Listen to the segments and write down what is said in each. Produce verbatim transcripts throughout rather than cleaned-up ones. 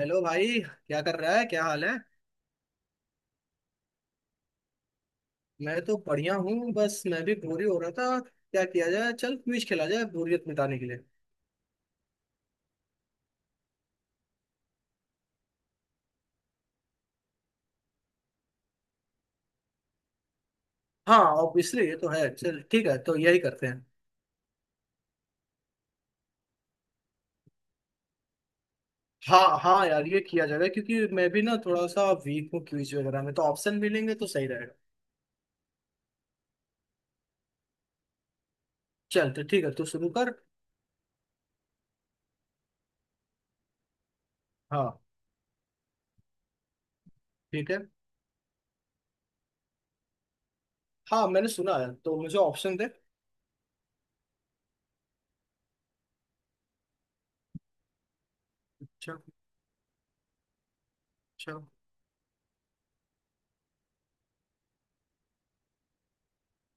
Hello भाई, क्या कर रहा है? क्या हाल है? मैं तो बढ़िया हूँ। बस मैं भी बोरी हो रहा था, क्या किया जाए। चल, क्विज खेला जाए बोरियत मिटाने के लिए। हाँ ऑब्वियसली, ये तो है। चल ठीक है, तो यही करते हैं। हाँ हाँ यार, ये किया जाएगा। क्योंकि मैं भी ना थोड़ा सा वीक हूँ क्विज वगैरह में, तो ऑप्शन मिलेंगे तो सही रहेगा। चल तो ठीक है, तू शुरू कर। हाँ। ठीक है। हाँ मैंने सुना है, तो मुझे ऑप्शन दे। अच्छा। अच्छा।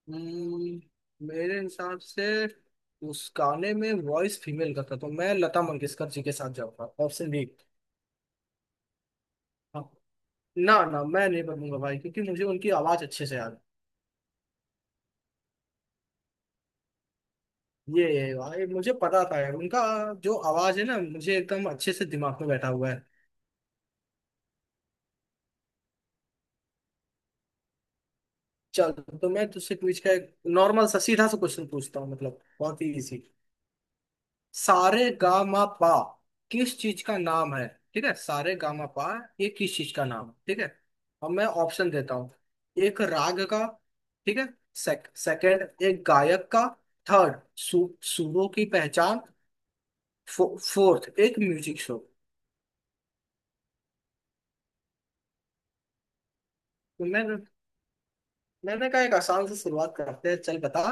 हम्म, मेरे हिसाब से उस गाने में वॉइस फीमेल का था, तो मैं लता मंगेशकर जी के साथ जाऊंगा। Option B. हाँ। ना ना मैं नहीं बनूंगा भाई, क्योंकि मुझे उनकी आवाज अच्छे से याद है। ये है भाई, मुझे पता था यार उनका जो आवाज है ना, मुझे एकदम अच्छे से दिमाग में बैठा हुआ है। चल। तो मैं तुझसे पूछ का एक नॉर्मल सा सीधा सा क्वेश्चन पूछता हूँ, मतलब बहुत ही इजी। सारे गामा पा किस चीज का नाम है? ठीक है, सारे गामा पा ये किस चीज का नाम है? ठीक है, अब मैं ऑप्शन देता हूँ। एक राग का। ठीक है। सेक, सेकंड, एक गायक का। थर्ड, सु, सुरों की पहचान। फो, फोर्थ, एक म्यूजिक शो। तो मैं मैंने कहा एक आसान से शुरुआत करते हैं। चल बता।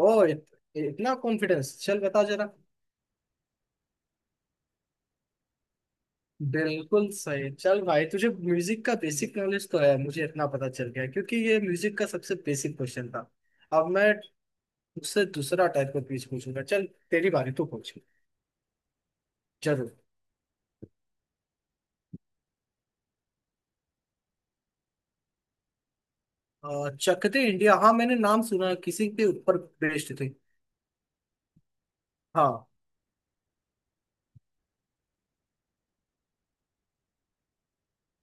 ओ इत, इतना कॉन्फिडेंस! चल बता जरा। बिल्कुल सही। चल भाई, तुझे म्यूजिक का बेसिक नॉलेज तो है, मुझे इतना पता चल गया। क्योंकि ये म्यूजिक का सबसे बेसिक क्वेश्चन था। अब मैं उससे दूसरा टाइप का क्वेश्चन पूछूंगा। चल, तेरी बारी, तू पूछ। जरूर। अ, चक दे इंडिया, हाँ मैंने नाम सुना है, किसी के ऊपर बेस्ड थे। हाँ।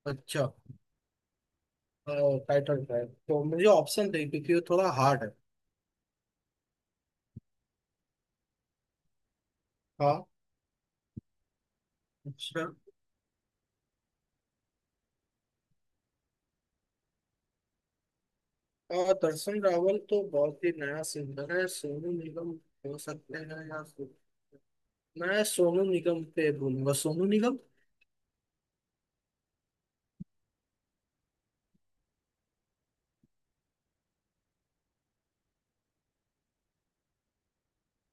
अच्छा, टाइटल है तो मुझे ऑप्शन दे क्योंकि ये थोड़ा हार्ड है। हाँ। अच्छा। अ, दर्शन रावल तो बहुत ही नया सिंगर है। सोनू निगम हो सकते हैं, या मैं सोनू निगम पे बोलूंगा। सोनू निगम।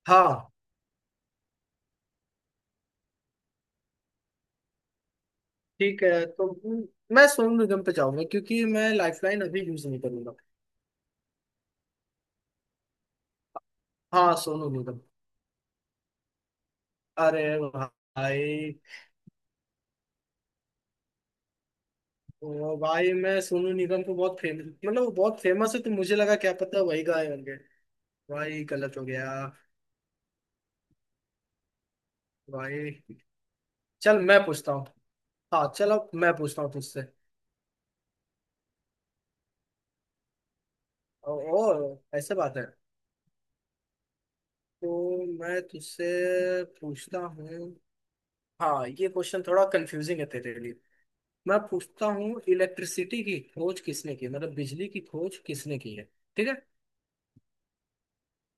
हाँ ठीक है, तो मैं सोनू निगम पे जाऊंगा क्योंकि मैं लाइफलाइन अभी यूज नहीं करूंगा। हाँ, सोनू निगम। अरे भाई! ओ भाई, मैं सोनू निगम को बहुत फेमस, मतलब वो बहुत फेमस है, तो मुझे लगा क्या पता वही गाए होंगे। भाई गलत हो गया। भाई। चल मैं पूछता हूँ। हाँ, चलो मैं पूछता हूँ तुझसे। ओ, ओ ऐसे बात है? तो मैं तुझसे पूछता हूँ, हाँ ये क्वेश्चन थोड़ा कंफ्यूजिंग है तेरे लिए। मैं पूछता हूँ, इलेक्ट्रिसिटी की खोज किसने की, मतलब बिजली की खोज किसने की है? ठीक है।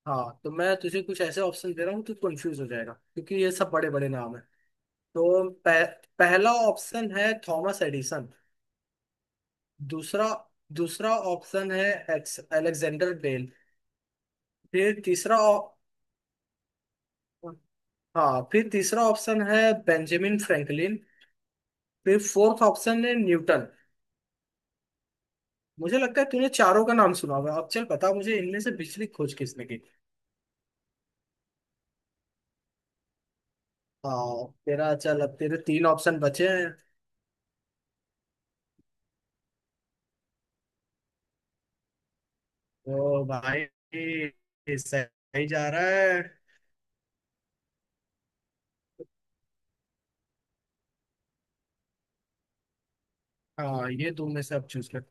हाँ, तो मैं तुझे कुछ ऐसे ऑप्शन दे रहा हूँ तू कंफ्यूज हो जाएगा, क्योंकि ये सब बड़े बड़े नाम है। तो पह, पहला ऑप्शन है थॉमस एडिसन। दूसरा दूसरा ऑप्शन है एक्स अलेक्जेंडर बेल। फिर तीसरा ऑ- हाँ, फिर तीसरा ऑप्शन है बेंजामिन फ्रैंकलिन। फिर फोर्थ ऑप्शन है न्यूटन। मुझे लगता है तूने चारों का नाम सुना होगा। अब चल बता मुझे इनमें से बिजली खोज किसने की। हाँ तेरा, चल अब तेरे तीन ऑप्शन बचे हैं। तो भाई, सही जा रहा है। हाँ, ये तुम में से अब चूज कर।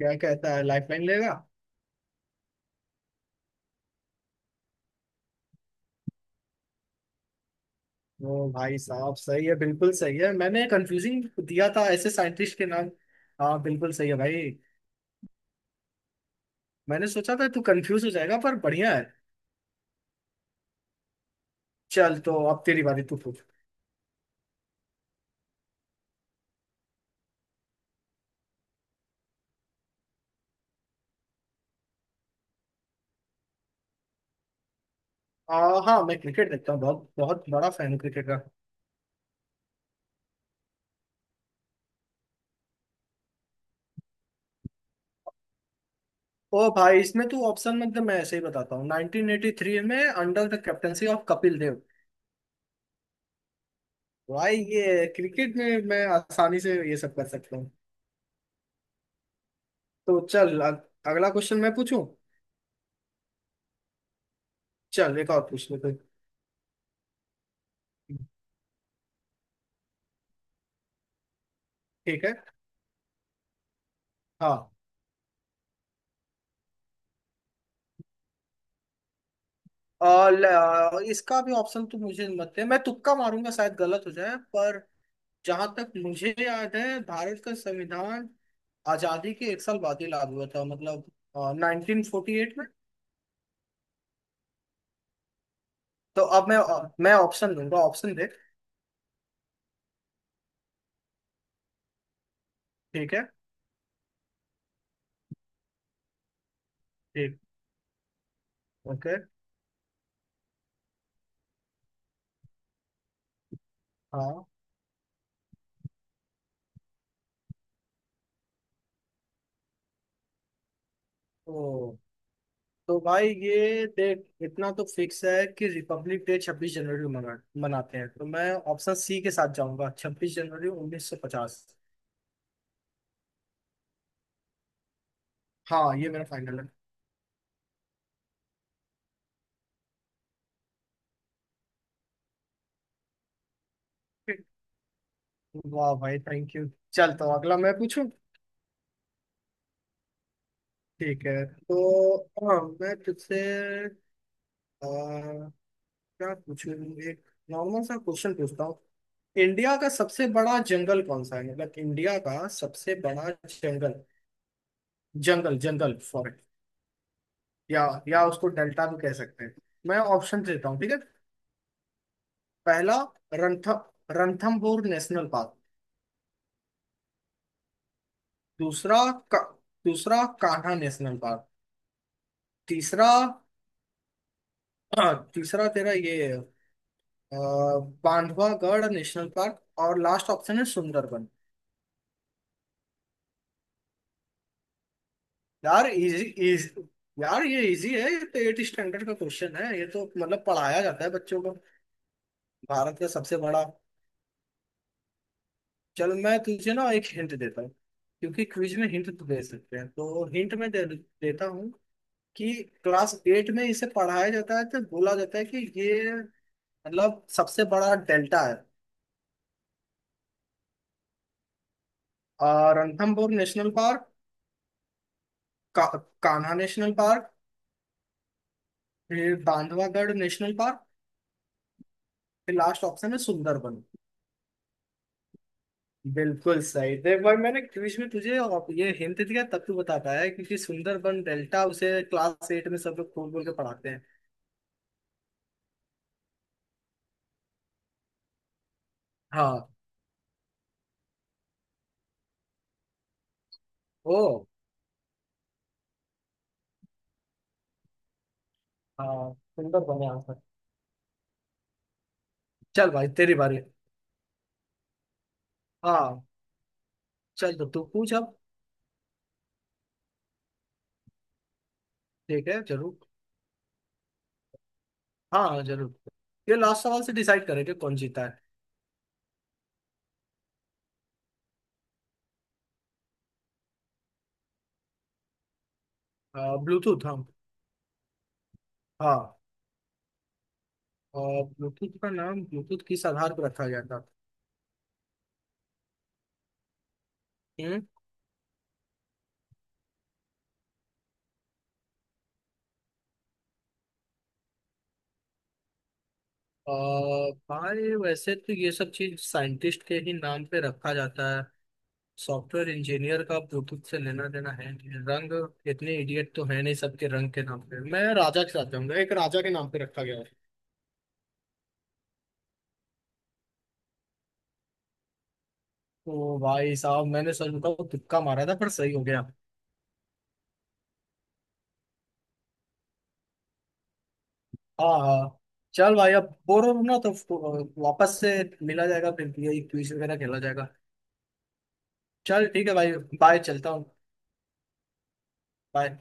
क्या कहता है, लाइफलाइन लेगा? वो भाई साहब, सही है, बिल्कुल सही है। मैंने कंफ्यूजिंग दिया था ऐसे साइंटिस्ट के नाम। हाँ बिल्कुल सही है भाई। मैंने सोचा था तू कंफ्यूज हो जाएगा, पर बढ़िया है। चल तो अब तेरी बारी, तू पूछ। आ, हाँ, मैं क्रिकेट देखता हूँ, बहुत बहुत बड़ा फैन हूँ क्रिकेट का। ओ भाई, इसमें तू ऑप्शन मत दे, मैं ऐसे ही बताता हूँ। नाइनटीन एटी थ्री में under the captaincy of Kapil Dev. भाई ये क्रिकेट में मैं आसानी से ये सब कर सकता हूँ। तो चल, अग- अगला क्वेश्चन मैं पूछूं। चल, एक और पूछ लेते हैं। ठीक है। हाँ। और ल- इसका भी ऑप्शन तो मुझे मत दे, मैं तुक्का मारूंगा, शायद गलत हो जाए। पर जहां तक मुझे याद है भारत का संविधान आजादी के एक साल बाद ही लागू हुआ था, मतलब नाइनटीन फोर्टी एट में। तो अब मैं मैं ऑप्शन दूंगा, ऑप्शन दे। ठीक है। ठीक। ओके। हाँ। तो तो भाई ये देख, इतना तो फिक्स है कि रिपब्लिक डे छब्बीस जनवरी को मना, मनाते हैं। तो मैं ऑप्शन सी के साथ जाऊंगा, छब्बीस जनवरी उन्नीस सौ पचास। हाँ, ये मेरा फाइनल है। ठीक। वाह भाई, थैंक यू। चल तो अगला मैं पूछूं। ठीक है तो, हाँ मैं तुझसे अ, क्या पूछूं। एक नॉर्मल सा क्वेश्चन पूछता हूँ। इंडिया का सबसे बड़ा जंगल कौन सा है, मतलब इंडिया का सबसे बड़ा जंगल, जंगल, जंगल, फॉरेस्ट, या या उसको डेल्टा भी कह सकते हैं। मैं ऑप्शन देता हूँ, ठीक है। पहला, रंथ रणथंबोर नेशनल पार्क। दूसरा, का, दूसरा कान्हा नेशनल पार्क। तीसरा, अ, तीसरा तेरा ये अ, बांधवागढ़ नेशनल पार्क। और लास्ट ऑप्शन है सुंदरबन। यार इजी इज यार ये इजी है। ये तो एट स्टैंडर्ड का क्वेश्चन है, ये तो मतलब पढ़ाया जाता है बच्चों को। भारत का सबसे बड़ा चल मैं तुझे ना एक हिंट देता हूँ, क्योंकि क्विज में हिंट तो दे सकते हैं। तो हिंट में दे, देता हूँ कि क्लास एट में इसे पढ़ाया जाता है, तो बोला जाता है कि ये मतलब सबसे बड़ा डेल्टा है। और रणथंभौर नेशनल पार्क, का, कान्हा नेशनल पार्क, फिर बांधवागढ़ नेशनल पार्क, फिर लास्ट ऑप्शन है सुंदरबन। बिल्कुल सही। देख भाई, मैंने क्विज में तुझे और ये हिंट दिया तब तू बता पाया, क्योंकि सुंदरबन डेल्टा, उसे क्लास एट में सब लोग खोल बोल के पढ़ाते हैं। हाँ। ओ हाँ, सुंदर बने आंसर। चल भाई, तेरी बारी। हाँ, चल तो तू पूछ अब। ठीक है, जरूर। हाँ हाँ, जरूर। ये लास्ट सवाल से डिसाइड करेंगे कौन जीता है। ब्लूटूथ, हम, हाँ, ब्लूटूथ का नाम ब्लूटूथ किस आधार पर रखा गया था? हम्म। अ, भाई वैसे तो ये सब चीज साइंटिस्ट के ही नाम पे रखा जाता है। सॉफ्टवेयर इंजीनियर का ब्लूटूथ से लेना देना है नहीं। रंग, इतने इडियट तो है नहीं सबके रंग के नाम पे। मैं राजा के साथ जाऊंगा, एक राजा के नाम पे रखा गया। ओ भाई साहब, मैंने सच बताओ तुक्का मारा था, पर सही हो गया। हाँ हाँ। चल भाई, अब बोर हो रहा हूं ना, तो फ- वापस से मिला जाएगा, फिर यही क्विज वगैरह खेला जाएगा। चल ठीक है भाई। बाय, चलता हूँ। बाय।